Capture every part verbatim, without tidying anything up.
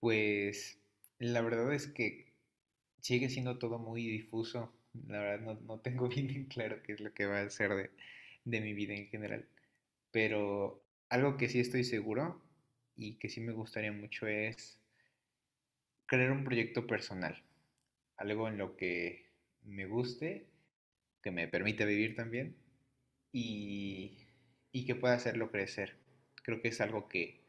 Pues la verdad es que sigue siendo todo muy difuso. La verdad no, no tengo bien en claro qué es lo que va a ser de, de mi vida en general. Pero algo que sí estoy seguro y que sí me gustaría mucho es crear un proyecto personal. Algo en lo que me guste, que me permita vivir también y, y que pueda hacerlo crecer. Creo que es algo que,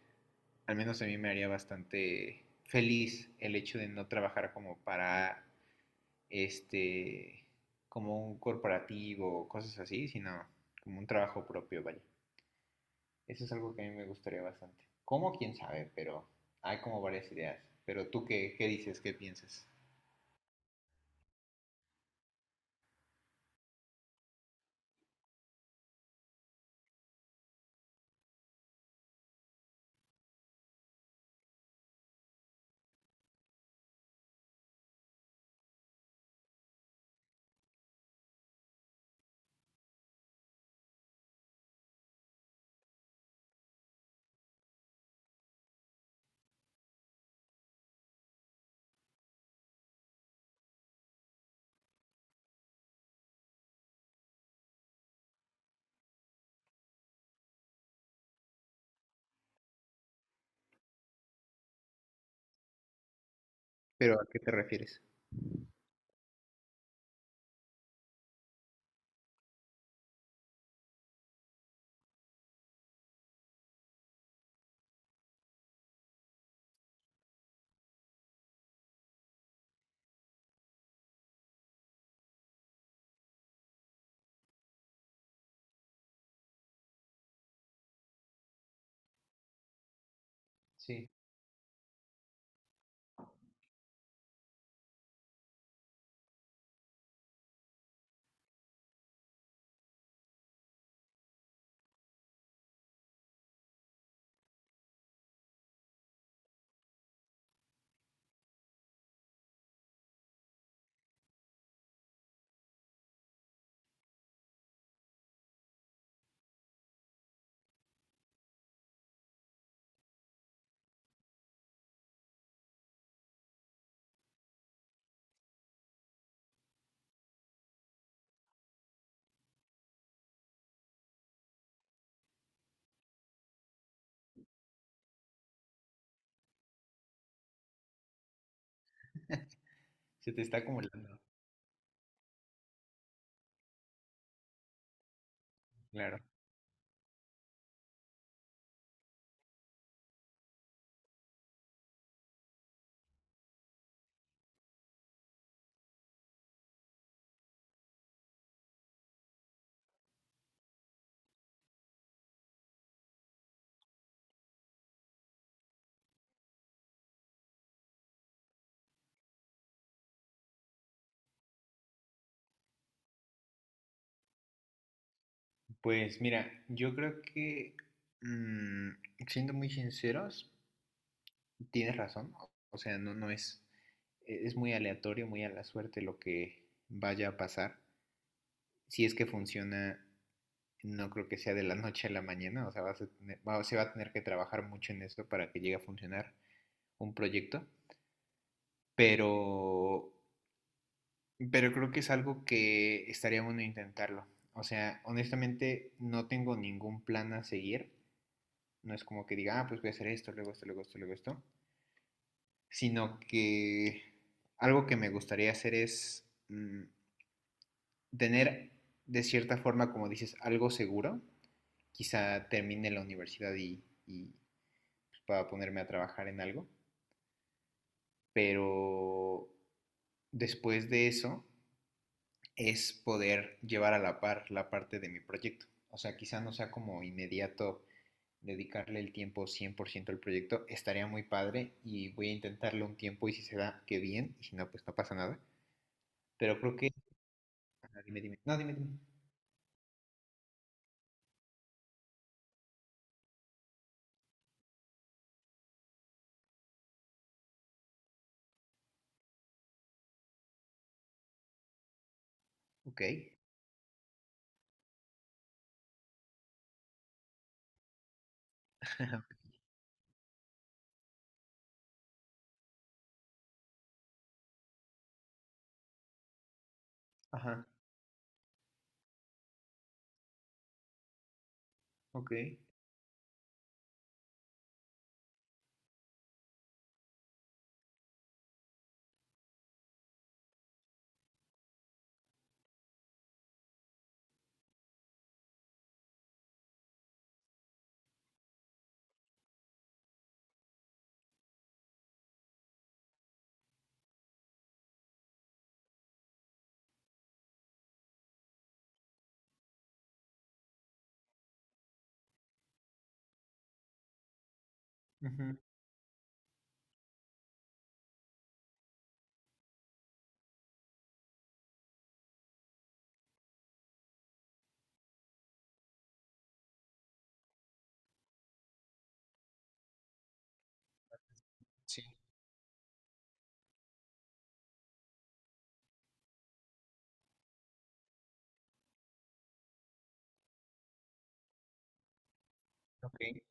al menos a mí me haría bastante feliz el hecho de no trabajar como para este como un corporativo o cosas así, sino como un trabajo propio, vaya. Eso es algo que a mí me gustaría bastante. ¿Cómo? ¿Quién sabe? Pero hay como varias ideas. Pero tú, ¿qué, qué dices? ¿Qué piensas? ¿Pero a qué te refieres? Sí, se te está acumulando, claro. Pues mira, yo creo que, mm, siendo muy sinceros, tienes razón, o sea, no, no es, e, es muy aleatorio, muy a la suerte lo que vaya a pasar. Si es que funciona, no creo que sea de la noche a la mañana, o sea, vas a tener, va, se va a tener que trabajar mucho en esto para que llegue a funcionar un proyecto, pero, pero creo que es algo que estaría bueno intentarlo. O sea, honestamente no tengo ningún plan a seguir, no es como que diga, ah, pues voy a hacer esto, luego esto, luego esto, luego esto. Sino que algo que me gustaría hacer es mm, tener de cierta forma, como dices, algo seguro. Quizá termine la universidad y, y pueda ponerme a trabajar en algo, pero después de eso es poder llevar a la par la parte de mi proyecto. O sea, quizá no sea como inmediato dedicarle el tiempo cien por ciento al proyecto, estaría muy padre y voy a intentarlo un tiempo y si se da, qué bien, y si no, pues no pasa nada. Pero creo que ajá, dime, dime. No, dime, dime. Ok. Ajá, ok. Ujú, sí, ok.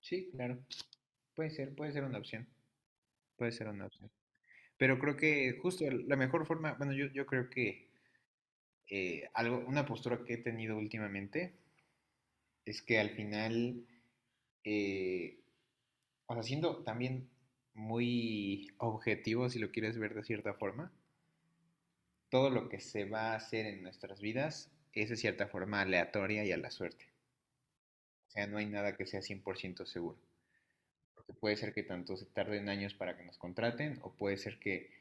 Sí, claro. Puede ser, puede ser una opción. Puede ser una opción. Pero creo que justo la mejor forma, bueno, yo, yo creo que eh, algo, una postura que he tenido últimamente es que al final, eh, o sea, siendo también muy objetivo, si lo quieres ver de cierta forma, todo lo que se va a hacer en nuestras vidas es de cierta forma aleatoria y a la suerte. O sea, no hay nada que sea cien por ciento seguro. Porque puede ser que tanto se tarden años para que nos contraten, o puede ser que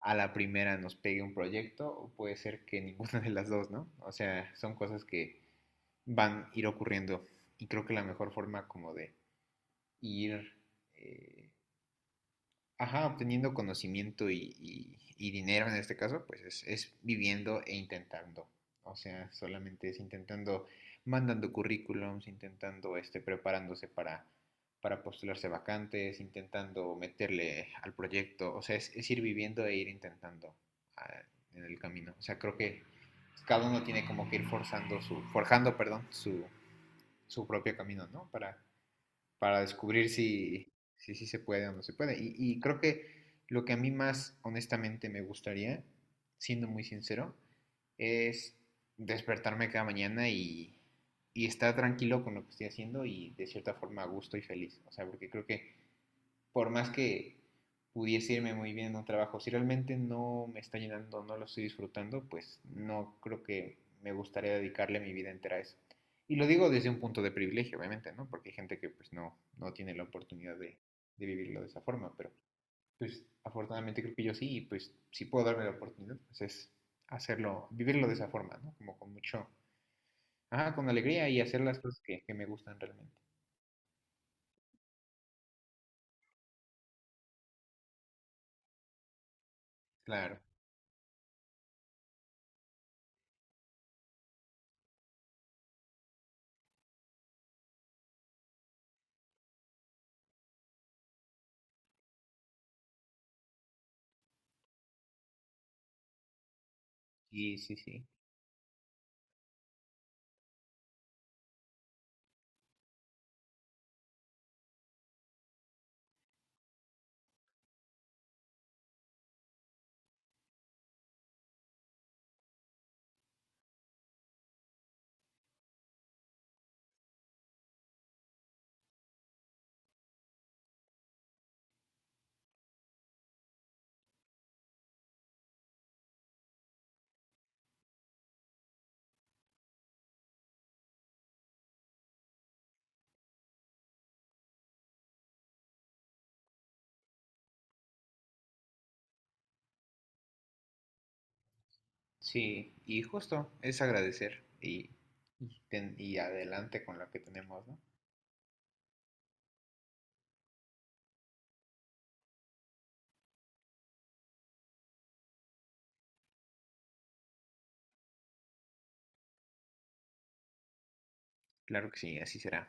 a la primera nos pegue un proyecto, o puede ser que ninguna de las dos, ¿no? O sea, son cosas que van a ir ocurriendo. Y creo que la mejor forma como de ir eh, ajá, obteniendo conocimiento y, y- y dinero en este caso, pues es, es viviendo e intentando. O sea, solamente es intentando, mandando currículums, intentando, este, preparándose para, para postularse vacantes, intentando meterle al proyecto. O sea, es, es ir viviendo e ir intentando ah, en el camino. O sea, creo que cada uno tiene como que ir forzando su, forjando, perdón, su, su propio camino, ¿no? Para, para descubrir si, si, sí se puede o no se puede. Y, y creo que lo que a mí más honestamente me gustaría, siendo muy sincero, es despertarme cada mañana y, y estar tranquilo con lo que estoy haciendo y de cierta forma a gusto y feliz. O sea, porque creo que por más que pudiese irme muy bien en un trabajo, si realmente no me está llenando, no lo estoy disfrutando, pues no creo que me gustaría dedicarle mi vida entera a eso. Y lo digo desde un punto de privilegio, obviamente, ¿no? Porque hay gente que pues no, no tiene la oportunidad de, de vivirlo de esa forma, pero pues afortunadamente creo que yo sí, y pues si puedo darme la oportunidad, pues es hacerlo, vivirlo de esa forma, ¿no? Como con mucho, ajá, con alegría y hacer las cosas que, que me gustan realmente. Claro, sí, sí, sí. Sí, y justo es agradecer y, y, ten- y adelante con lo que tenemos, ¿no? Claro que sí, así será.